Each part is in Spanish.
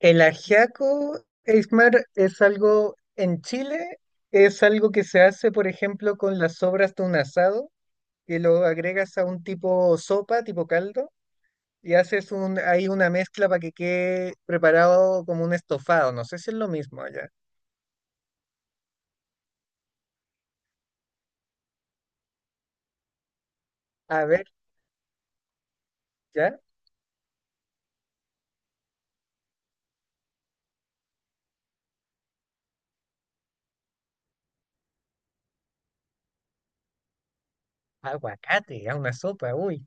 El ajiaco, Eismar, es algo en Chile, es algo que se hace, por ejemplo, con las sobras de un asado, que lo agregas a un tipo sopa, tipo caldo, y haces un, ahí una mezcla para que quede preparado como un estofado. No sé si es lo mismo allá. A ver, ya, aguacate, a una sopa, uy,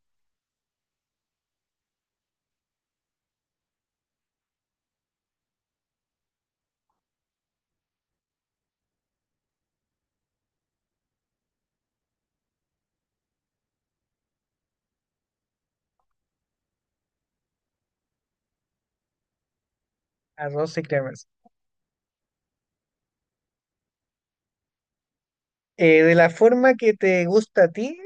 arroz y crema. De la forma que te gusta a ti,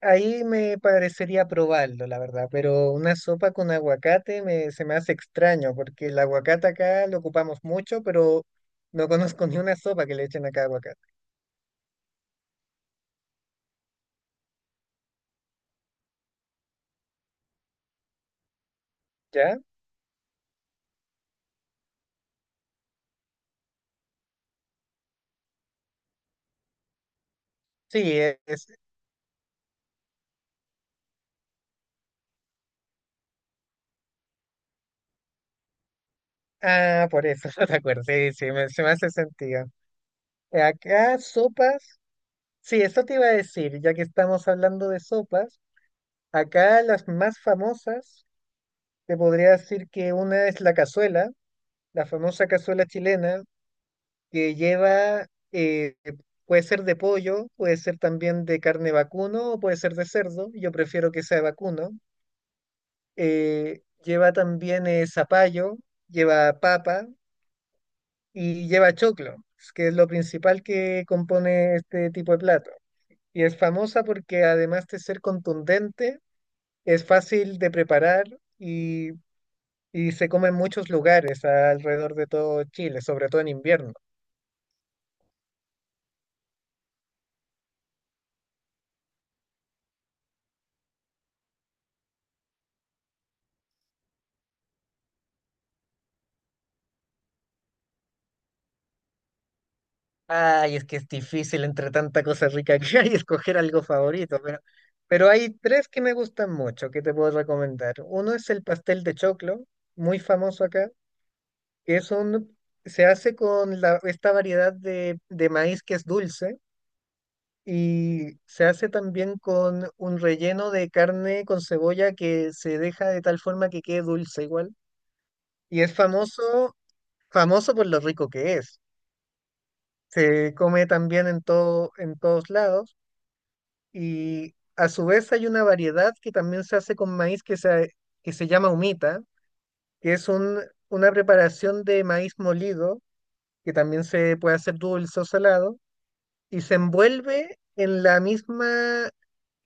ahí me parecería probarlo, la verdad, pero una sopa con aguacate se me hace extraño, porque el aguacate acá lo ocupamos mucho, pero no conozco ni una sopa que le echen acá aguacate, ¿ya? Sí, es... Ah, por eso, no te acuerdas, sí, sí, se me hace sentido. Acá sopas, sí, eso te iba a decir, ya que estamos hablando de sopas, acá las más famosas, te podría decir que una es la cazuela, la famosa cazuela chilena, que lleva, puede ser de pollo, puede ser también de carne vacuno o puede ser de cerdo, yo prefiero que sea de vacuno. Lleva también zapallo, lleva papa y lleva choclo, que es lo principal que compone este tipo de plato. Y es famosa porque además de ser contundente, es fácil de preparar y, y se come en muchos lugares alrededor de todo Chile, sobre todo en invierno. Ay, es que es difícil entre tanta cosa rica que hay escoger algo favorito, pero hay tres que me gustan mucho que te puedo recomendar. Uno es el pastel de choclo, muy famoso acá, que es se hace con esta variedad de maíz que es dulce, y se hace también con un relleno de carne con cebolla que se deja de tal forma que quede dulce igual. Y es famoso, famoso por lo rico que es. Se come también en todo, en todos lados. Y a su vez hay una variedad que también se hace con maíz que se llama humita, que es un, una preparación de maíz molido, que también se puede hacer dulce o salado, y se envuelve en la misma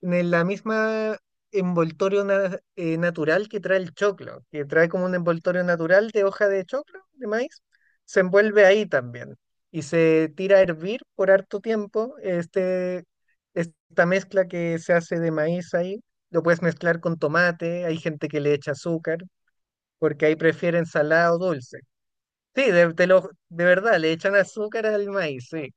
en la misma natural que trae el choclo, que trae como un envoltorio natural de hoja de choclo, de maíz, se envuelve ahí también y se tira a hervir por harto tiempo. Esta mezcla que se hace de maíz ahí, lo puedes mezclar con tomate, hay gente que le echa azúcar, porque ahí prefieren salado o dulce. Sí, de verdad, le echan azúcar al maíz, sí.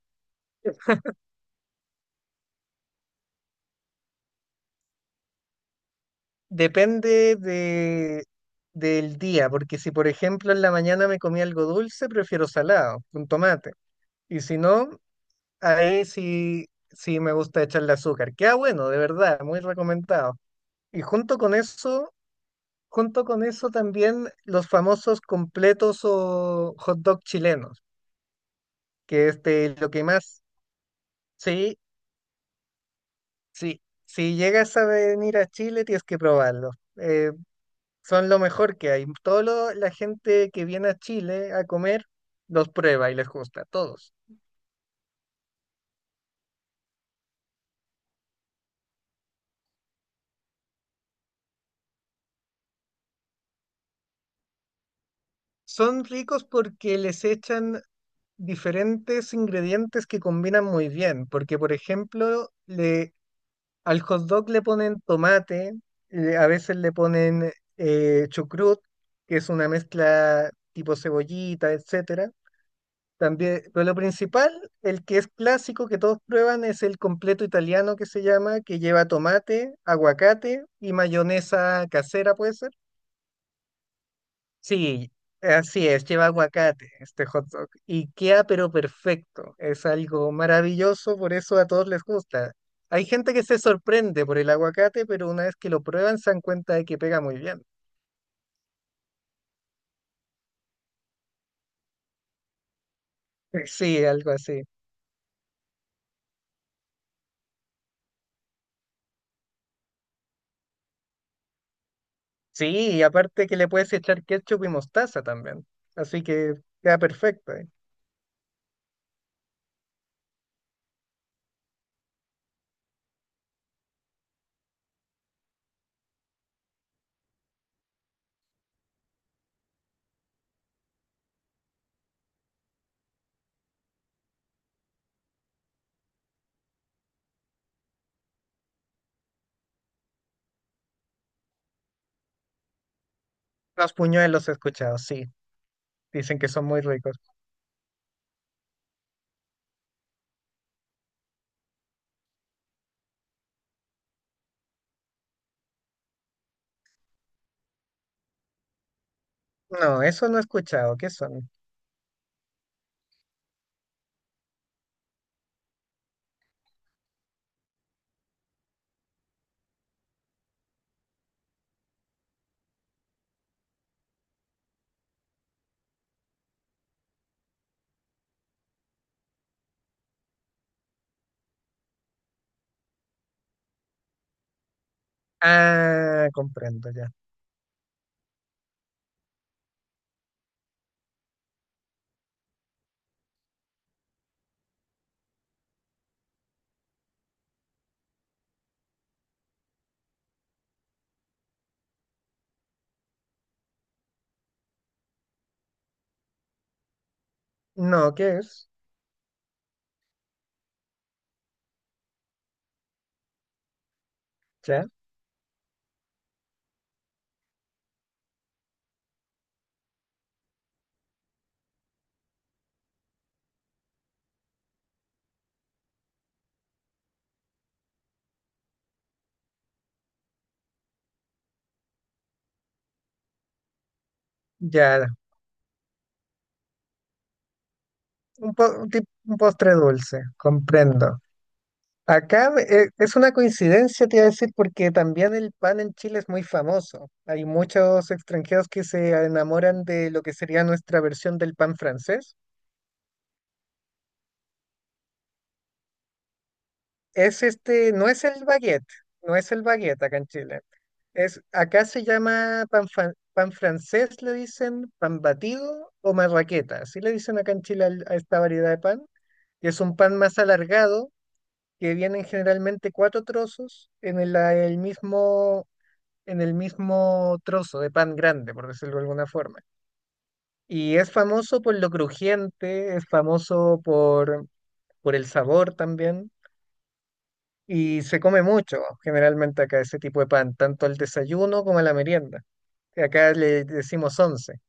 Depende del día, porque si por ejemplo en la mañana me comí algo dulce, prefiero salado, con tomate. Y si no, ahí sí, sí me gusta echarle azúcar. Queda bueno, de verdad, muy recomendado. Y junto con eso también los famosos completos o hot dog chilenos, que es de lo que más, sí, sí, si llegas a venir a Chile tienes que probarlo. eh, Son lo mejor que hay. Toda la gente que viene a Chile a comer los prueba y les gusta, todos. Son ricos porque les echan diferentes ingredientes que combinan muy bien, porque por ejemplo, al hot dog le ponen tomate, a veces le ponen chucrut, que es una mezcla tipo cebollita, etcétera. También, pero lo principal, el que es clásico que todos prueban es el completo italiano que se llama, que lleva tomate, aguacate y mayonesa casera, ¿puede ser? Sí, así es, lleva aguacate este hot dog y queda pero perfecto, es algo maravilloso, por eso a todos les gusta. Hay gente que se sorprende por el aguacate, pero una vez que lo prueban se dan cuenta de que pega muy bien. Sí, algo así. Sí, y aparte que le puedes echar ketchup y mostaza también, así que queda perfecto. Los puñuelos he escuchado, sí. Dicen que son muy ricos. No, eso no he escuchado. ¿Qué son? Ah, comprendo ya. No, ¿qué es? Ya, ya. Un, po- un tip- un postre dulce, comprendo. Acá es una coincidencia, te iba a decir, porque también el pan en Chile es muy famoso. Hay muchos extranjeros que se enamoran de lo que sería nuestra versión del pan francés. Es este, no es el baguette, no es el baguette acá en Chile. Acá se llama pan francés, le dicen, pan batido o marraqueta. Así le dicen acá en Chile a esta variedad de pan, que es un pan más alargado, que vienen generalmente cuatro trozos en el mismo, en el mismo trozo de pan grande, por decirlo de alguna forma. Y es famoso por lo crujiente, es famoso por el sabor también. Y se come mucho, generalmente acá, ese tipo de pan, tanto al desayuno como a la merienda. Acá le decimos once.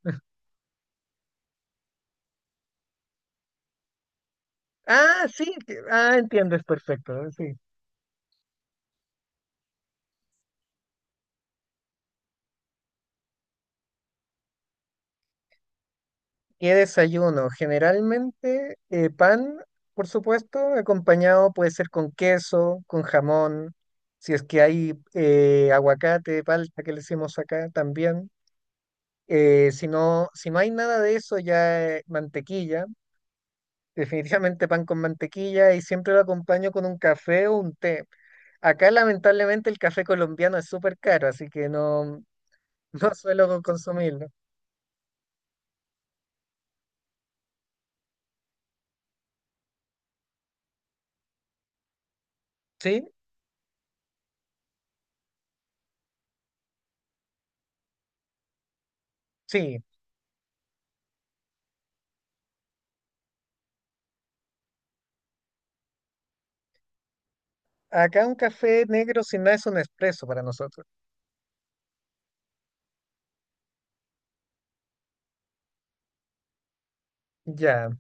Ah, sí, entiendes perfecto, sí. ¿Qué desayuno? Generalmente pan, por supuesto, acompañado puede ser con queso, con jamón, si es que hay aguacate, palta que le decimos acá también. Si no, si no hay nada de eso, ya mantequilla. Definitivamente pan con mantequilla y siempre lo acompaño con un café o un té. Acá lamentablemente el café colombiano es súper caro, así que no, no suelo consumirlo. ¿Sí? Sí. Acá un café negro sin nada es un espresso para nosotros. Ya,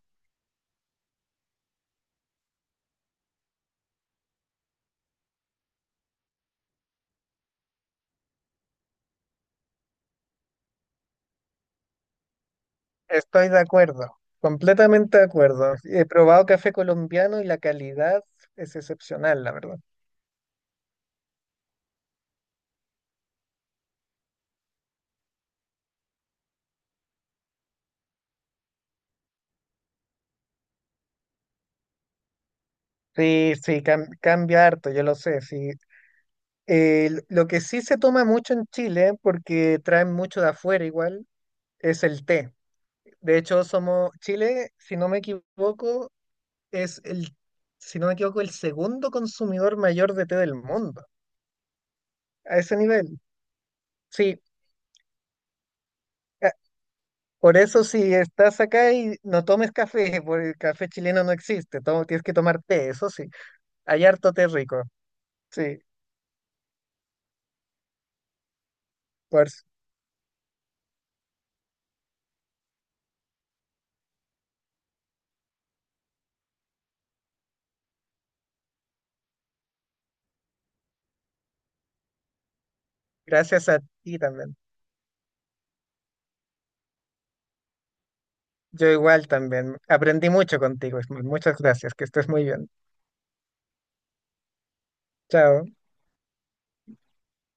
estoy de acuerdo, completamente de acuerdo. He probado café colombiano y la calidad es excepcional, la verdad. Sí, sí, cambia harto, yo lo sé, sí. Lo que sí se toma mucho en Chile, porque traen mucho de afuera igual, es el té. De hecho, somos Chile, si no me equivoco, es el, si no me equivoco, el segundo consumidor mayor de té del mundo. A ese nivel. Sí. a- Por eso si estás acá y no tomes café, porque el café chileno no existe. Tienes que tomar té, eso sí. Hay harto té rico. Sí. Por, s- Gracias a ti también. Yo igual también. Aprendí mucho contigo, Ismael. Muchas gracias. Que estés muy bien. Chao.